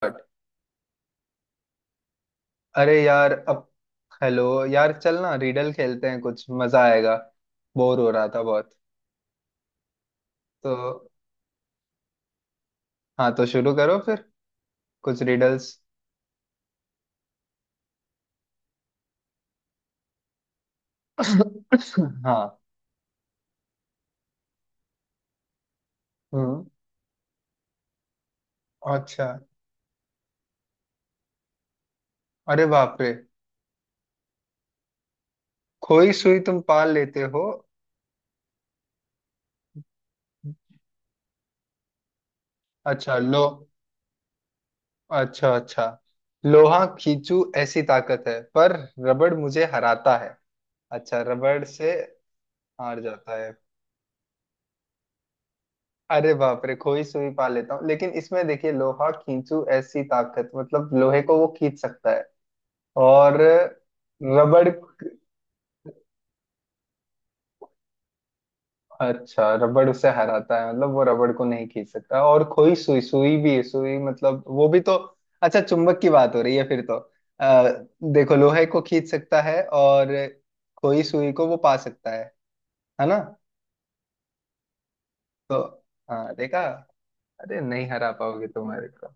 But। अरे यार अब। हेलो यार, चल ना रीडल खेलते हैं, कुछ मजा आएगा। बोर हो रहा था बहुत। तो। हाँ, तो शुरू करो फिर कुछ रिडल्स। हाँ। हम्म। अच्छा, अरे बाप रे। खोई सुई तुम पाल लेते हो। अच्छा। लो, अच्छा अच्छा। लोहा खींचू ऐसी ताकत है पर रबड़ मुझे हराता है। अच्छा, रबड़ से हार जाता है। अरे बाप रे, खोई सुई पा लेता हूँ लेकिन इसमें देखिए लोहा खींचू ऐसी ताकत, मतलब लोहे को वो खींच सकता है। और रबड़। अच्छा, रबड़ उसे हराता है, मतलब वो रबड़ को नहीं खींच सकता। और खोई सुई, सुई भी है, सुई मतलब वो भी तो। अच्छा, चुंबक की बात हो रही है फिर तो। आ, देखो लोहे को खींच सकता है और खोई सुई को वो पा सकता है ना। तो। हाँ, देखा। अरे नहीं, हरा पाओगे तुम्हारे को।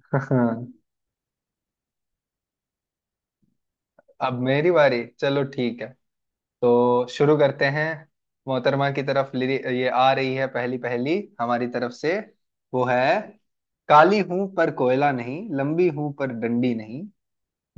अब मेरी बारी, चलो ठीक है, तो शुरू करते हैं। मोहतरमा की तरफ लिरि ये आ रही है पहली पहली, हमारी तरफ से। वो है — काली हूं पर कोयला नहीं, लंबी हूं पर डंडी नहीं,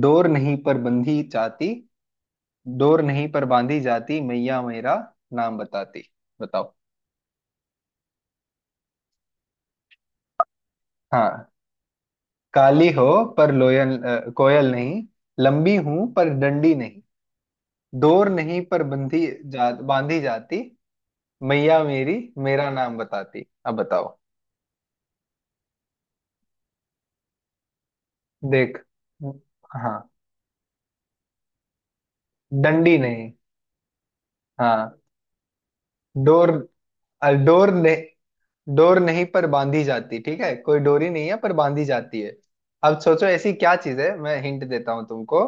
डोर नहीं पर बंधी जाती, डोर नहीं पर बांधी जाती मैया मेरा नाम बताती। बताओ। हाँ। काली हो पर कोयल नहीं, लंबी हूं पर डंडी नहीं, डोर नहीं पर बंधी जा बांधी जाती मैया मेरी, मेरा नाम बताती। अब बताओ, देख। हाँ, डंडी नहीं। हाँ, डोर, डोर नहीं, डोर नहीं पर बांधी जाती। ठीक है, कोई डोरी नहीं है पर बांधी जाती है। अब सोचो ऐसी क्या चीज है, मैं हिंट देता हूँ तुमको।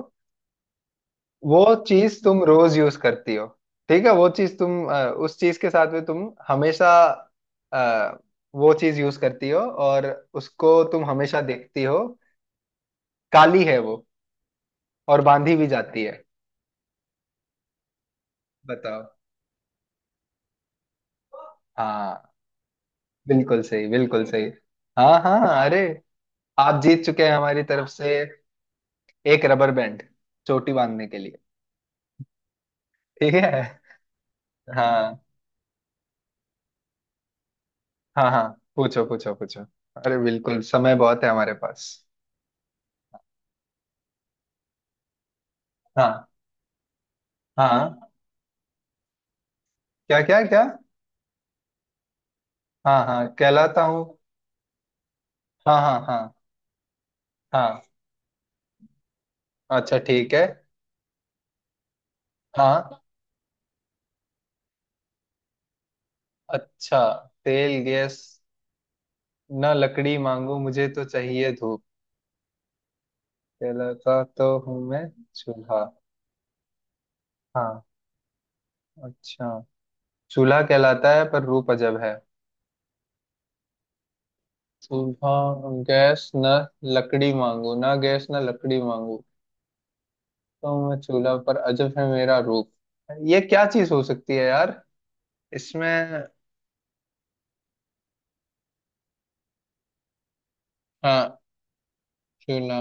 वो चीज तुम रोज यूज करती हो। ठीक है, वो चीज तुम उस चीज के साथ में तुम हमेशा, अ, वो चीज यूज करती हो और उसको तुम हमेशा देखती हो। काली है वो और बांधी भी जाती है। बताओ। हाँ, बिल्कुल सही बिल्कुल सही। हाँ हाँ, अरे, आप जीत चुके हैं हमारी तरफ से, एक रबर बैंड चोटी बांधने के लिए। ठीक है। हाँ हाँ हाँ, पूछो पूछो पूछो। अरे बिल्कुल, समय बहुत है हमारे पास। हाँ हाँ। क्या क्या क्या। हाँ हाँ, कहलाता हूँ। हाँ हाँ हाँ। हाँ। अच्छा ठीक है। हाँ। अच्छा, तेल गैस ना लकड़ी मांगू मुझे तो चाहिए धूप, कहलाता तो हूँ मैं चूल्हा। हाँ। अच्छा, चूल्हा कहलाता है पर रूप अजब है। चूल्हा गैस न लकड़ी मांगू, ना गैस न लकड़ी मांगू तो मैं चूल्हा पर अजब है मेरा रूप। ये क्या चीज हो सकती है यार इसमें। हाँ। चूल्हा।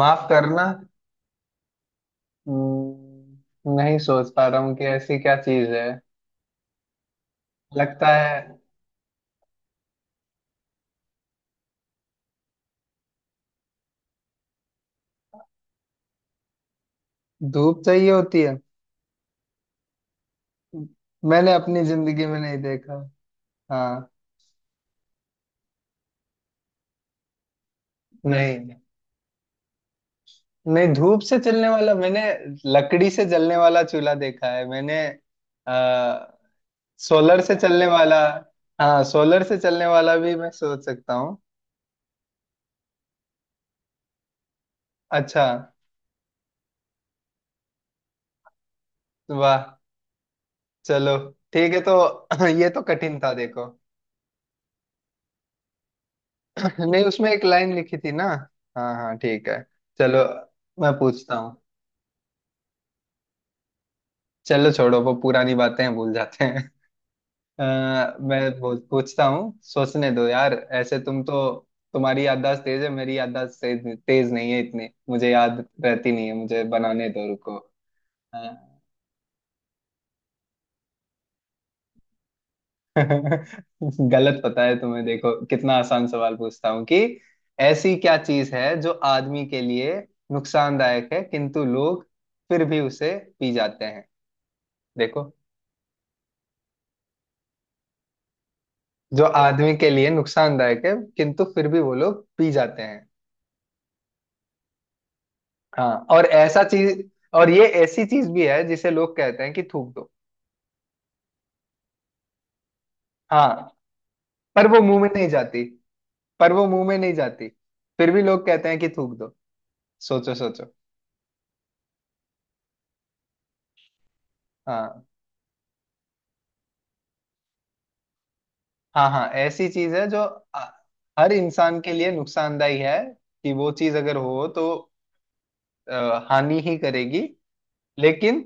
माफ करना, नहीं सोच पा रहा हूँ कि ऐसी क्या चीज है। लगता है। धूप चाहिए होती है। मैंने अपनी जिंदगी में नहीं देखा। हाँ। नहीं, नहीं धूप से चलने वाला मैंने लकड़ी से जलने वाला चूल्हा देखा है मैंने। आ, सोलर से चलने वाला। हाँ, सोलर से चलने वाला भी मैं सोच सकता हूँ। अच्छा। वाह, चलो ठीक है। तो ये तो कठिन था देखो। नहीं, उसमें एक लाइन लिखी थी ना। हाँ हाँ ठीक है। चलो, मैं पूछता हूँ। चलो छोड़ो, वो पुरानी बातें हैं, भूल जाते हैं। अ, मैं पूछता हूँ, सोचने दो यार ऐसे, तुम तो, तुम्हारी याददाश्त तेज है, मेरी याददाश्त तेज नहीं है इतनी, मुझे याद रहती नहीं है, मुझे बनाने दो, रुको। अ, गलत पता है तुम्हें, देखो कितना आसान सवाल पूछता हूँ कि — ऐसी क्या चीज है जो आदमी के लिए नुकसानदायक है किंतु लोग फिर भी उसे पी जाते हैं। देखो, जो आदमी के लिए नुकसानदायक है किंतु फिर भी वो लोग पी जाते हैं। हाँ, और ऐसा चीज। और ये ऐसी चीज भी है जिसे लोग कहते हैं कि थूक दो। हाँ। पर वो मुंह में नहीं जाती। पर वो मुंह में नहीं जाती, फिर भी लोग कहते हैं कि थूक दो। सोचो सोचो। हाँ हाँ हाँ, ऐसी चीज है जो आ, हर इंसान के लिए नुकसानदायी है, कि वो चीज अगर हो तो हानि ही करेगी। लेकिन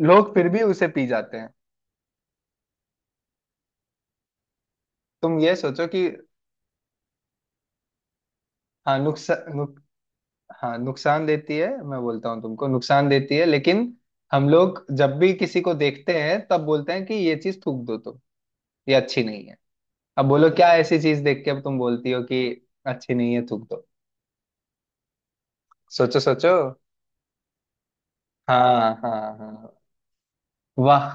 लोग फिर भी उसे पी जाते हैं। तुम ये सोचो कि — हाँ, नुकसान। हाँ नुकसान देती है, मैं बोलता हूँ तुमको नुकसान देती है लेकिन हम लोग जब भी किसी को देखते हैं तब बोलते हैं कि ये चीज थूक दो तुम, ये अच्छी नहीं है। अब बोलो, क्या ऐसी चीज देख के अब तुम बोलती हो कि अच्छी नहीं है थूक दो। सोचो सोचो। हाँ हाँ हाँ, वाह।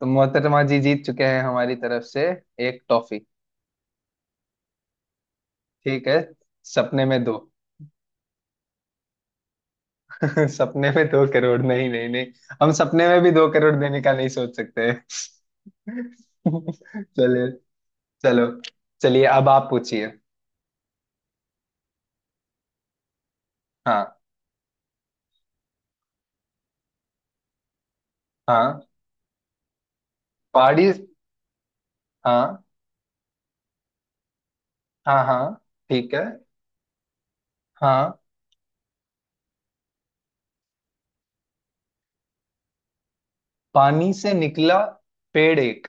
तो मोहतरमा जी जीत चुके हैं हमारी तरफ से एक टॉफी। ठीक है। सपने में दो। सपने में 2 करोड़? नहीं नहीं नहीं, हम सपने में भी 2 करोड़ देने का नहीं सोच सकते। चलिए। चलो, चलिए अब आप पूछिए। हाँ हाँ। पहाड़ी। हाँ हाँ हाँ, ठीक है। हाँ, पानी से निकला पेड़ एक,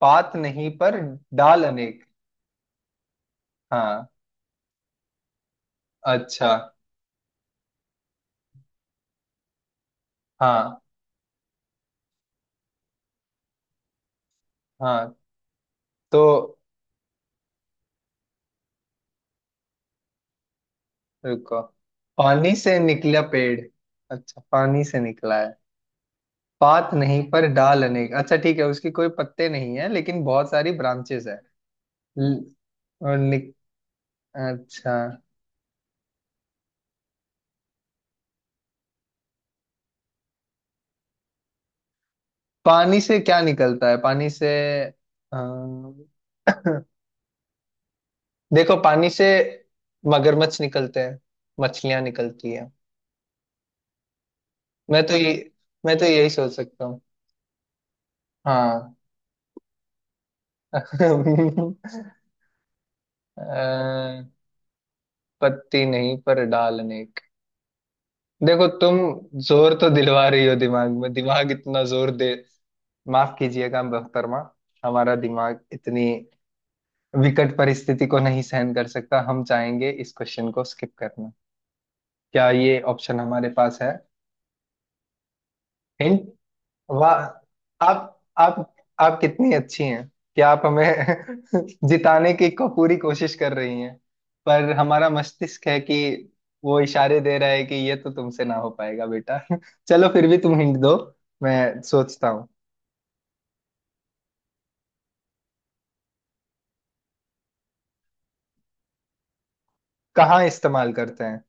पात नहीं पर डाल अनेक। हाँ। अच्छा। हाँ हाँ, तो रुको। पानी से निकला पेड़, अच्छा पानी से निकला है। पात नहीं पर डाल अनेक, अच्छा ठीक है, उसकी कोई पत्ते नहीं है लेकिन बहुत सारी ब्रांचेस है। ल- और निक अच्छा, पानी से क्या निकलता है, पानी से? अम, देखो, पानी से मगरमच्छ निकलते हैं, मछलियां निकलती हैं। मैं तो ये मैं तो यही सोच सकता हूँ। हाँ। अ, पत्ती नहीं पर डाल अनेक। देखो तुम जोर तो दिलवा रही हो दिमाग में, दिमाग इतना जोर दे। माफ कीजिएगा मोहतरमा, हमारा दिमाग इतनी विकट परिस्थिति को नहीं सहन कर सकता, हम चाहेंगे इस क्वेश्चन को स्किप करना। क्या ये ऑप्शन हमारे पास है? हिंट। वाह, आप आप आप कितनी अच्छी हैं, क्या आप हमें जिताने की को पूरी कोशिश कर रही हैं? पर हमारा मस्तिष्क है कि वो इशारे दे रहा है कि ये तो तुमसे ना हो पाएगा बेटा। चलो फिर भी तुम हिंट दो, मैं सोचता हूँ। कहाँ इस्तेमाल करते हैं?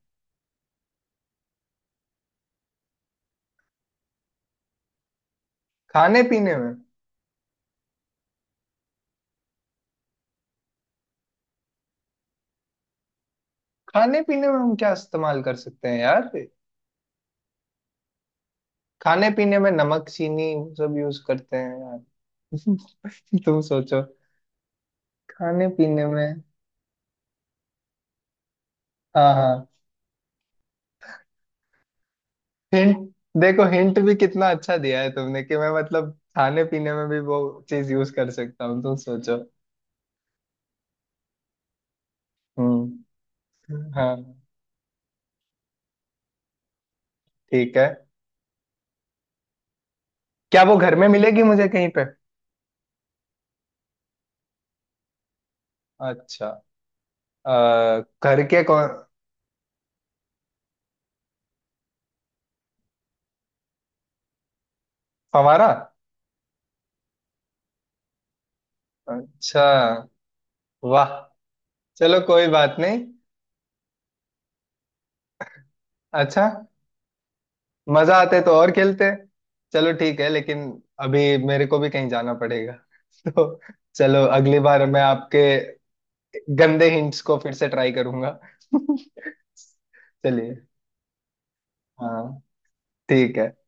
खाने पीने में। खाने पीने में हम क्या इस्तेमाल कर सकते हैं यार? खाने पीने में नमक चीनी सब यूज करते हैं यार। तुम सोचो। खाने पीने में। हाँ हाँ, हिंट। देखो हिंट भी कितना अच्छा दिया है तुमने, कि मैं मतलब खाने पीने में भी वो चीज यूज कर सकता हूँ, तुम सोचो। हम्म। हाँ ठीक है। क्या वो घर में मिलेगी मुझे कहीं पे? अच्छा, घर के कौन? हमारा। अच्छा, वाह। चलो कोई बात नहीं। अच्छा। मजा आते तो और खेलते। चलो ठीक है लेकिन अभी मेरे को भी कहीं जाना पड़ेगा। तो चलो, अगली बार मैं आपके गंदे हिंट्स को फिर से ट्राई करूंगा। चलिए। हाँ ठीक है।